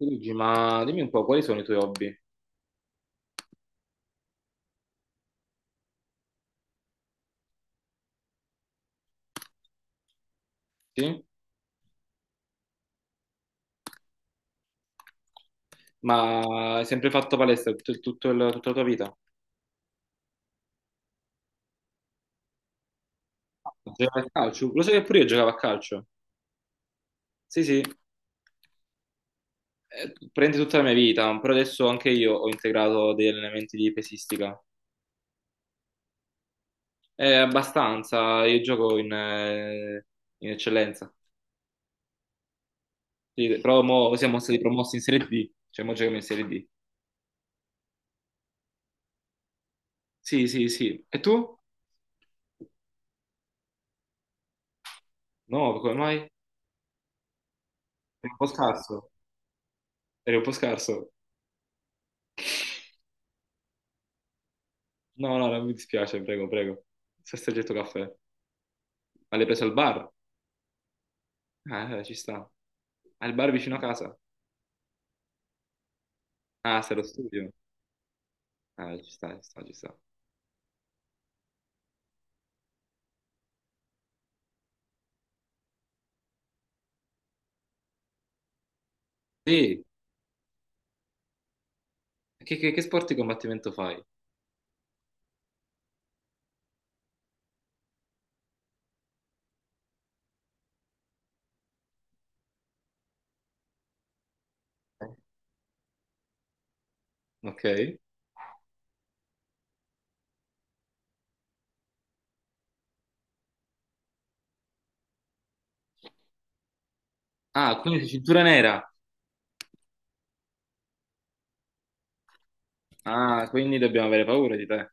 Luigi, ma dimmi un po', quali sono i tuoi hobby? Sì? Ma hai sempre fatto palestra tutta la tua vita? Giocavi a calcio? Lo sai che pure io giocavo a calcio. Sì, sì, eh, prendi tutta la mia vita, però adesso anche io ho integrato degli allenamenti di pesistica. È abbastanza, io gioco in eccellenza. Sì, però mo siamo stati promossi in Serie D, cioè mo giochiamo in Serie D. Sì, sì, sì. E tu? No, come mai? Eri un po' scarso. Eri un po' scarso. No, no, non mi dispiace, prego, prego. Sesto getto caffè. Ma l'hai preso al bar? Ah, ci sta. Al bar vicino a casa? Ah, sei allo studio? Ah, ci sta, ci sta, ci sta. Sì, che sport di combattimento fai? Ok. Ah, quindi sei cintura nera. Ah, quindi dobbiamo avere paura di te.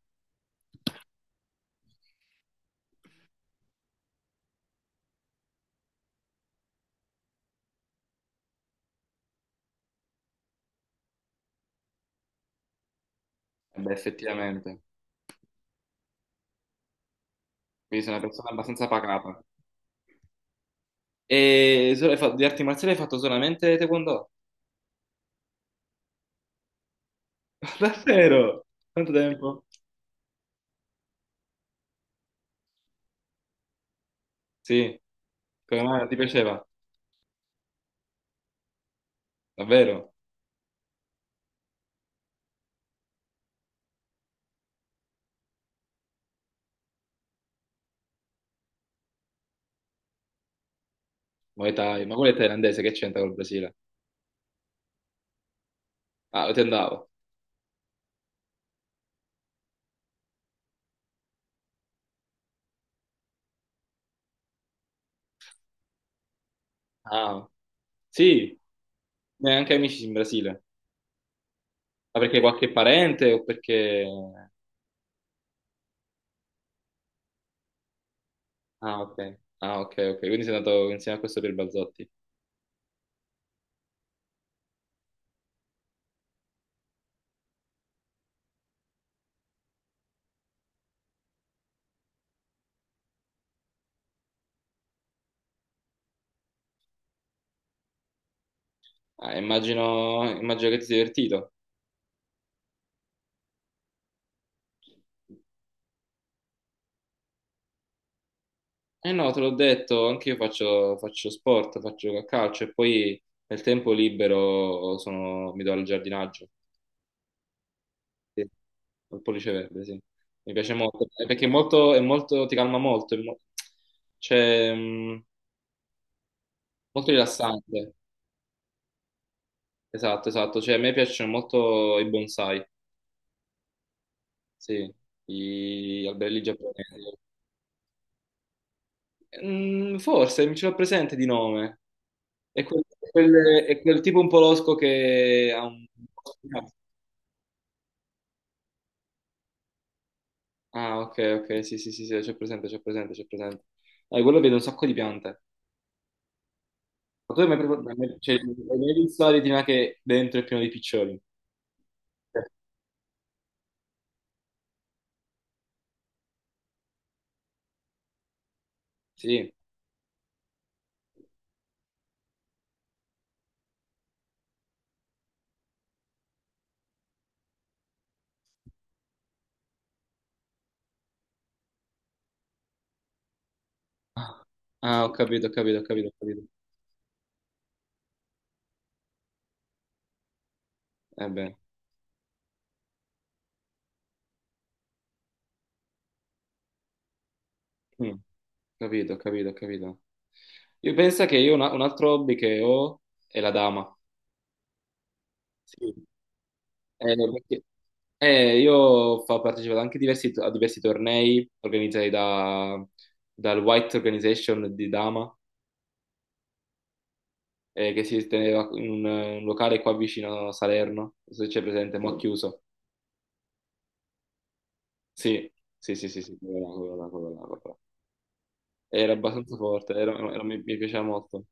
Eh beh, effettivamente. Quindi sei una persona abbastanza pacata. E di arti marziali hai fatto solamente taekwondo? Davvero? Quanto tempo? Sì, come mai non ti piaceva? Davvero? Muay Thai, ma quello è thailandese, che c'entra col Brasile? Ah, ti andavo. Ah, sì, ne anche amici in Brasile. Ma perché qualche parente o perché... Ah, ok. Ah, ok, ok. Quindi sei andato insieme a questo per Balzotti. Ah, immagino, immagino che ti sia divertito. Eh no, te l'ho detto, anche io faccio sport, faccio a calcio e poi nel tempo libero mi do al giardinaggio. Sì. Al pollice verde, sì. Mi piace molto, perché è molto, ti calma molto, cioè, molto rilassante, esatto, esatto. Cioè, a me piacciono molto i bonsai, sì, gli alberelli giapponesi. Mm, forse mi ce l'ho presente di nome. È quel, è quel tipo un po' losco che ha un... Ah, ok, ok, sì, sì, sì, sì, c'è presente, c'è presente, c'è presente. Ah, quello vede un sacco di piante. Ma tu hai mai, provato- hai mai- cioè, hai mai visto la retina che dentro è pieno di piccioni? Sì. Ah, ah, ho capito, ho capito, ho capito, ho capito. Eh beh, mm, capito, ho capito, ho capito. Io penso che un altro hobby che ho è la dama. Sì. Eh, perché- io ho partecipato anche a diversi tornei organizzati dal White Organization di Dama, che si teneva in un locale qua vicino a Salerno, non so se c'è presente, ma chiuso. Sì, sì, sì, sì, sì, quello là, quello là, quello là, quello là. Era abbastanza forte, mi piaceva molto.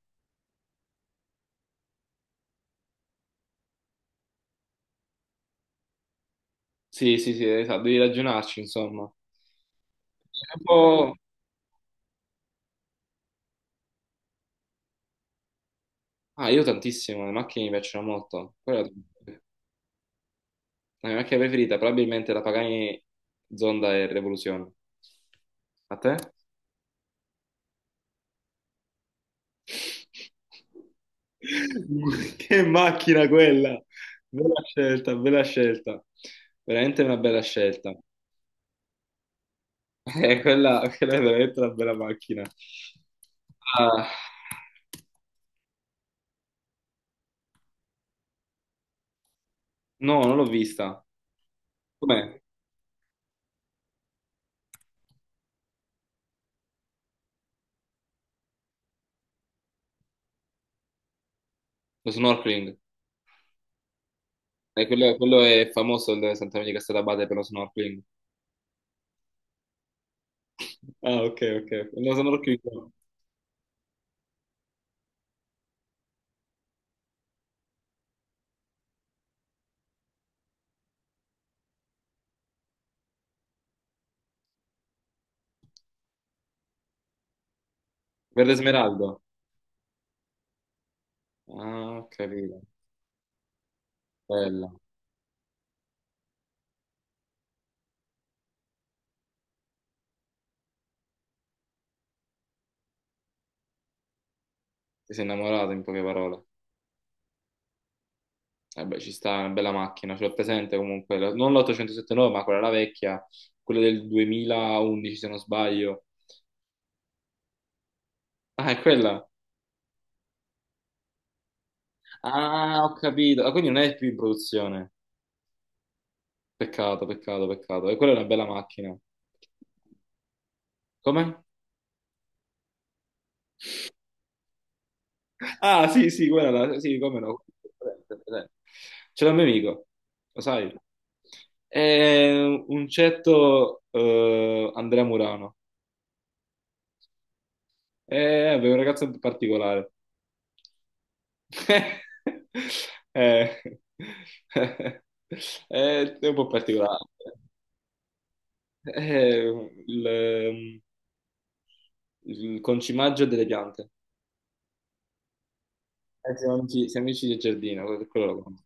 Sì, sì, sì, esatto, devi ragionarci, insomma. È un po', ah, io tantissimo, le macchine mi piacciono molto. Quella è la mia macchina preferita, probabilmente la Pagani Zonda e Revoluzione. A te? Che macchina quella! Bella scelta, bella scelta. Veramente una bella scelta. Quella, è veramente una bella macchina. Ah, no, non l'ho vista. Com'è? Lo snorkeling. Quello è famoso il Sant'Antonio di Castellabate per lo snorkeling. Ah, ok, ok, ok. No, sono rocchino. Verde smeraldo. Ah, ho capito. Bella. Ti sei innamorato in poche parole. Eh beh, ci sta, è una bella macchina, ce l'ho presente comunque. Non l'879, ma quella la vecchia, quella del 2011 se non sbaglio. Ah, è quella. Ah, ho capito. Ah, quindi non è più in produzione. Peccato, peccato, peccato. E quella è una bella macchina. Come? Ah, sì, sì, quella, sì, come no. Presente, presente. Ce l'ho un mio amico, lo sai? È un certo Andrea Murano. È un ragazzo particolare. Eh, eh, è un po' particolare. È il, il concimaggio delle piante. Siamo amici del giardino, per quello lo conosco.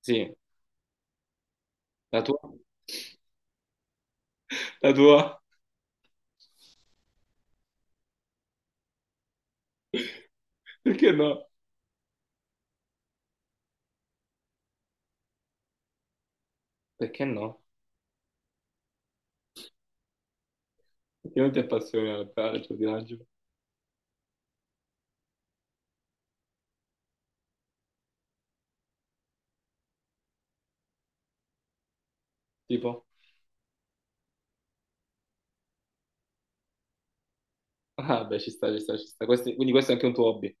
Sì, la tua? La tua? Perché no? Perché no? Perché non ti appassiona il giardinaggio? Tipo? Ah, beh, ci sta, ci sta, ci sta. Quindi questo è anche un tuo hobby.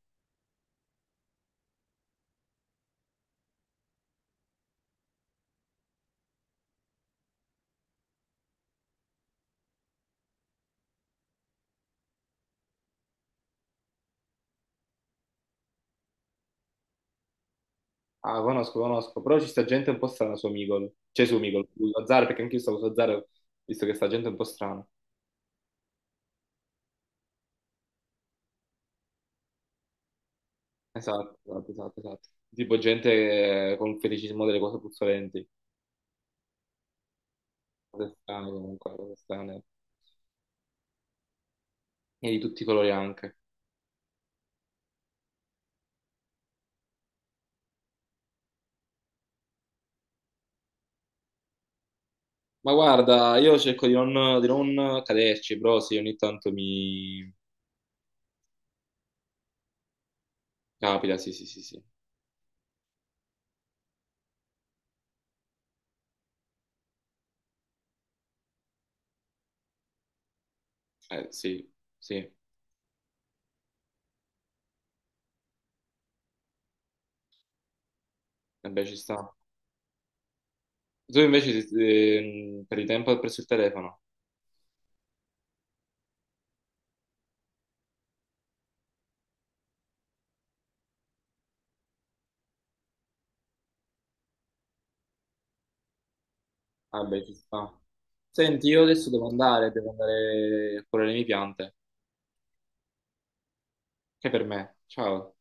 Ah, conosco, conosco. Però ci sta gente un po' strana su Micol. Cioè su Micol, su Azzaro, perché anch'io stavo su Azzaro, visto che sta gente un po' strana. Esatto, esatto, esatto, esatto. Tipo gente con un feticismo delle cose puzzolenti. Cose strane comunque, cose strane. E di tutti i colori anche. Ma guarda, io cerco di non, caderci, però sì, ogni tanto mi capita, sì, sì, sì, sì. Sì, sì, vabbè, ci sta. Tu invece perdi tempo presso il telefono? Vabbè, ci sta. Senti, io adesso devo andare a curare le mie piante. Che per me. Ciao.